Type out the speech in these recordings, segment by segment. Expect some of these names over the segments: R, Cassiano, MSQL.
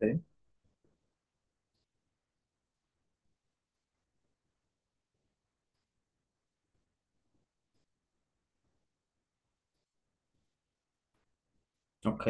Sì. Ok,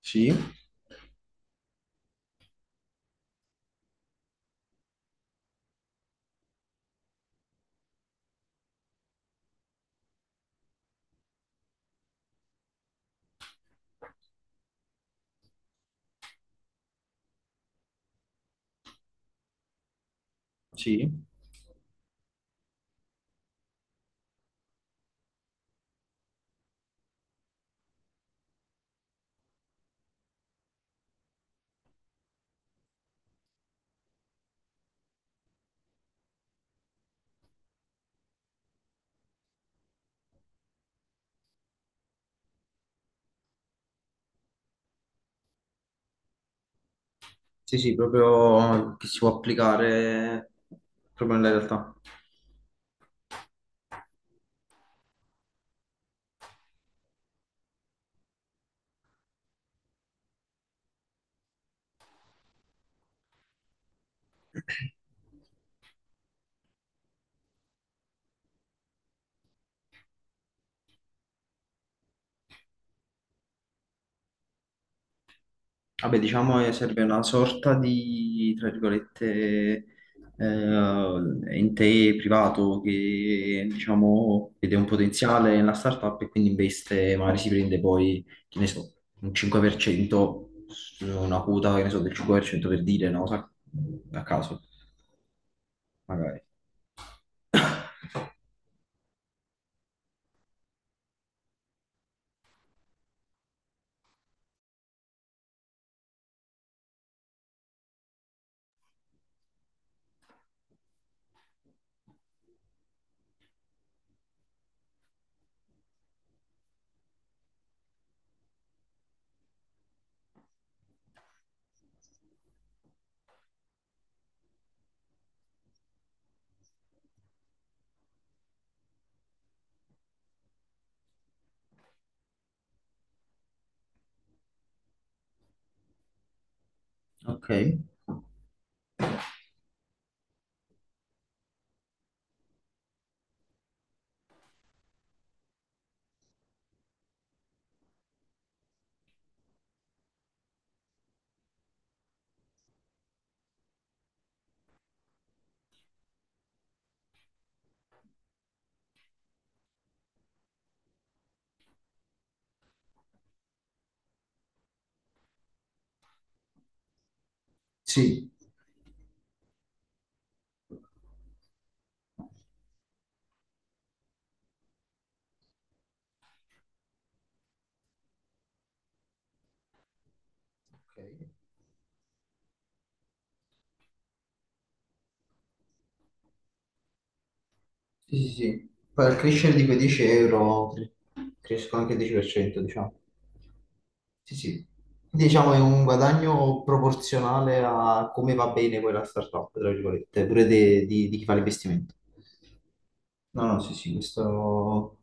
sì, sì, sì, sì, proprio che si può applicare proprio nella realtà. Vabbè, diciamo che serve una sorta di, tra virgolette, eh, ente privato che, diciamo, vede un potenziale nella startup e quindi investe, magari si prende poi, che ne so, un 5%, su una quota, che ne so, del 5% per cento per dire, no? A caso, magari. Ok, sì. Ok. Sì, sì, sì. Poi al crescere di quei 10 euro crescono anche il 10%, diciamo. Sì, sì. Quindi, diciamo è un guadagno proporzionale a come va bene quella startup, tra virgolette, pure di chi fa l'investimento. No, no, sì, sì, questo.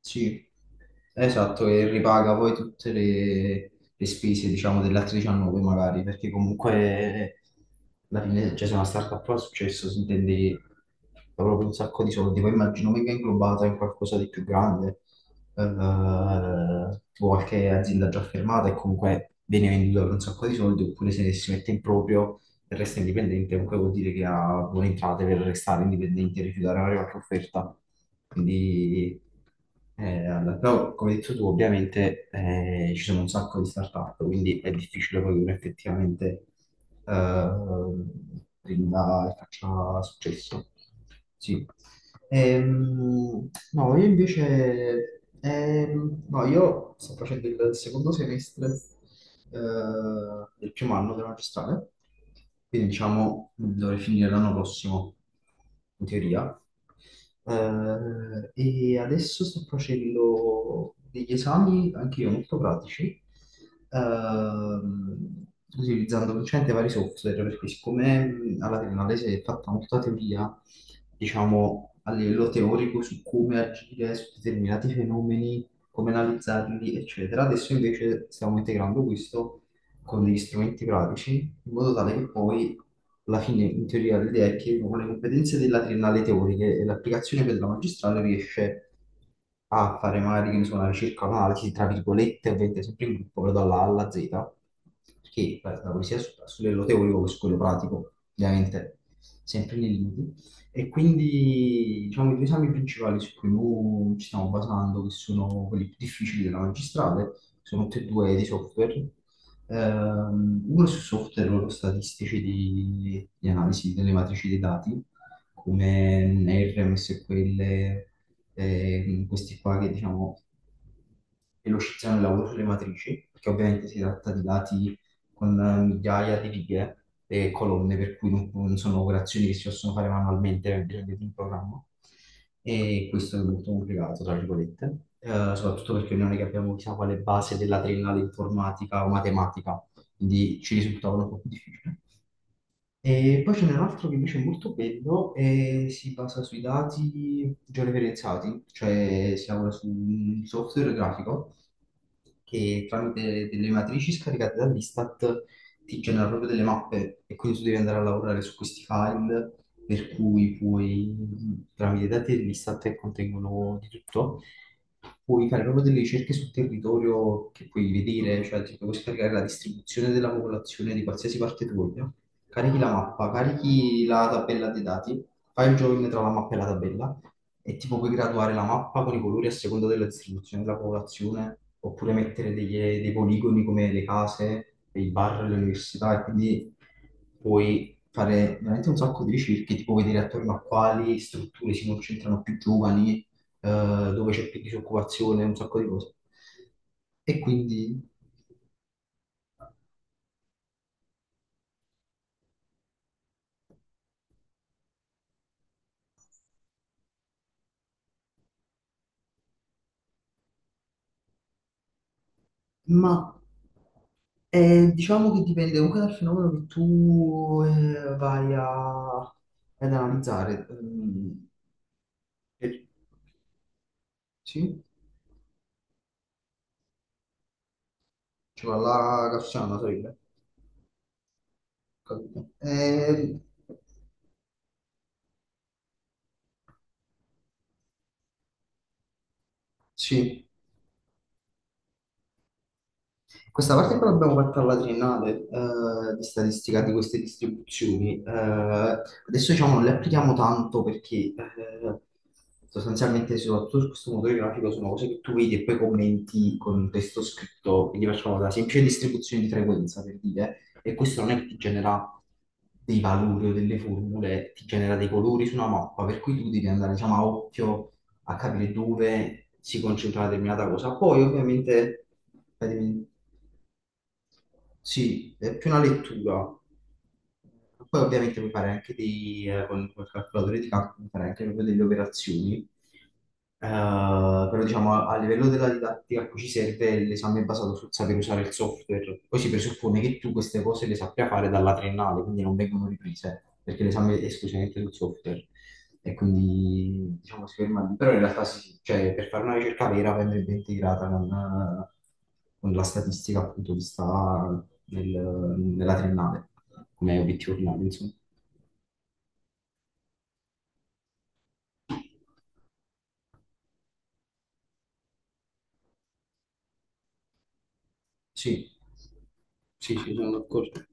Sì, esatto, e ripaga poi tutte le spese, diciamo, delle altre 19 magari, perché comunque alla fine, cioè, se una startup fa successo si intende proprio un sacco di soldi, poi immagino venga inglobata in qualcosa di più grande, tipo qualche azienda già fermata e comunque viene venduta per un sacco di soldi, oppure se si mette in proprio e resta indipendente, comunque vuol dire che ha buone entrate per restare indipendente e rifiutare magari qualche offerta. Quindi, allora, però, come hai detto tu, ovviamente ci sono un sacco di start-up, quindi è difficile poi che uno effettivamente eh, prenda e faccia successo. Sì. No, io invece, no, io sto facendo il secondo semestre del primo anno della magistrale, quindi diciamo dovrei finire l'anno prossimo, in teoria. E adesso sto facendo degli esami, anche io molto pratici, ehm, utilizzando principalmente vari software, perché siccome alla triennale si è fatta molta teoria, diciamo a livello teorico su come agire su determinati fenomeni, come analizzarli, eccetera, adesso invece stiamo integrando questo con degli strumenti pratici, in modo tale che poi, alla fine, in teoria, l'idea è che uno con le competenze della triennale teoriche e l'applicazione per la magistrale riesce a fare magari, che ne so, una ricerca, un'analisi, tra virgolette, ovviamente sempre in gruppo, però dalla A alla Z, perché la poesia è su livello teorico che su quello pratico, ovviamente, sempre nei limiti. E quindi, diciamo, i due esami principali su cui noi ci stiamo basando, che sono quelli più difficili della magistrale, sono tutti e due di software. Uno su software loro statistici di analisi delle matrici dei dati, come R, MSQL, questi qua che diciamo velocizzano il lavoro sulle matrici, perché ovviamente si tratta di dati con migliaia di righe e colonne, per cui non sono operazioni che si possono fare manualmente, hai bisogno di un programma. E questo è molto complicato, tra virgolette, soprattutto perché noi non è che abbiamo chissà quale base della triennale informatica o matematica, quindi ci risultava un po' più difficile. E poi ce n'è un altro che invece è molto bello e si basa sui dati georeferenziati, cioè si lavora su un software grafico che tramite delle matrici scaricate dall'Istat ti genera proprio delle mappe e quindi tu devi andare a lavorare su questi file, per cui puoi, tramite i dati dell'Istat che contengono di tutto, puoi fare proprio delle ricerche sul territorio che puoi vedere, cioè ti puoi scaricare la distribuzione della popolazione di qualsiasi parte tu voglia. Carichi la mappa, carichi la tabella dei dati, fai il join tra la mappa e la tabella e tipo puoi graduare la mappa con i colori a seconda della distribuzione della popolazione, oppure mettere dei poligoni come le case, i bar, le università, e quindi puoi fare veramente un sacco di ricerche, tipo vedere attorno a quali strutture si concentrano più giovani, eh, dove c'è più disoccupazione, un sacco di cose. E quindi, ma diciamo che dipende comunque dal fenomeno che tu vai ad analizzare. E- sì, ci va la Cassiano, sarebbe. Capito? Sì. Questa parte che l'abbiamo fatta alla triennale, di statistica di queste distribuzioni, adesso diciamo non le applichiamo tanto perché sostanzialmente soprattutto su questo motore grafico sono cose che tu vedi e poi commenti con un testo scritto, quindi facciamo la semplice distribuzione di frequenza per dire, e questo non è che ti genera dei valori o delle formule, ti genera dei colori su una mappa, per cui tu devi andare diciamo a occhio a capire dove si concentra una determinata cosa. Poi ovviamente. Sì, è più una lettura. Poi ovviamente mi fare anche dei, con col calcolatore di calcolo, mi fare anche proprio delle operazioni. Eh, però diciamo a livello della didattica a cui ci serve l'esame è basato sul saper usare il software. Poi si presuppone che tu queste cose le sappia fare dalla triennale, quindi non vengono riprese, perché l'esame è esclusivamente sul software. E quindi diciamo si ferma lì. Però in realtà sì, sì. Cioè, per fare una ricerca vera andrebbe integrata con la statistica appunto che sta nella triennale, come obiettivo finale, insomma. Sì, sì, sì, sono d'accordo.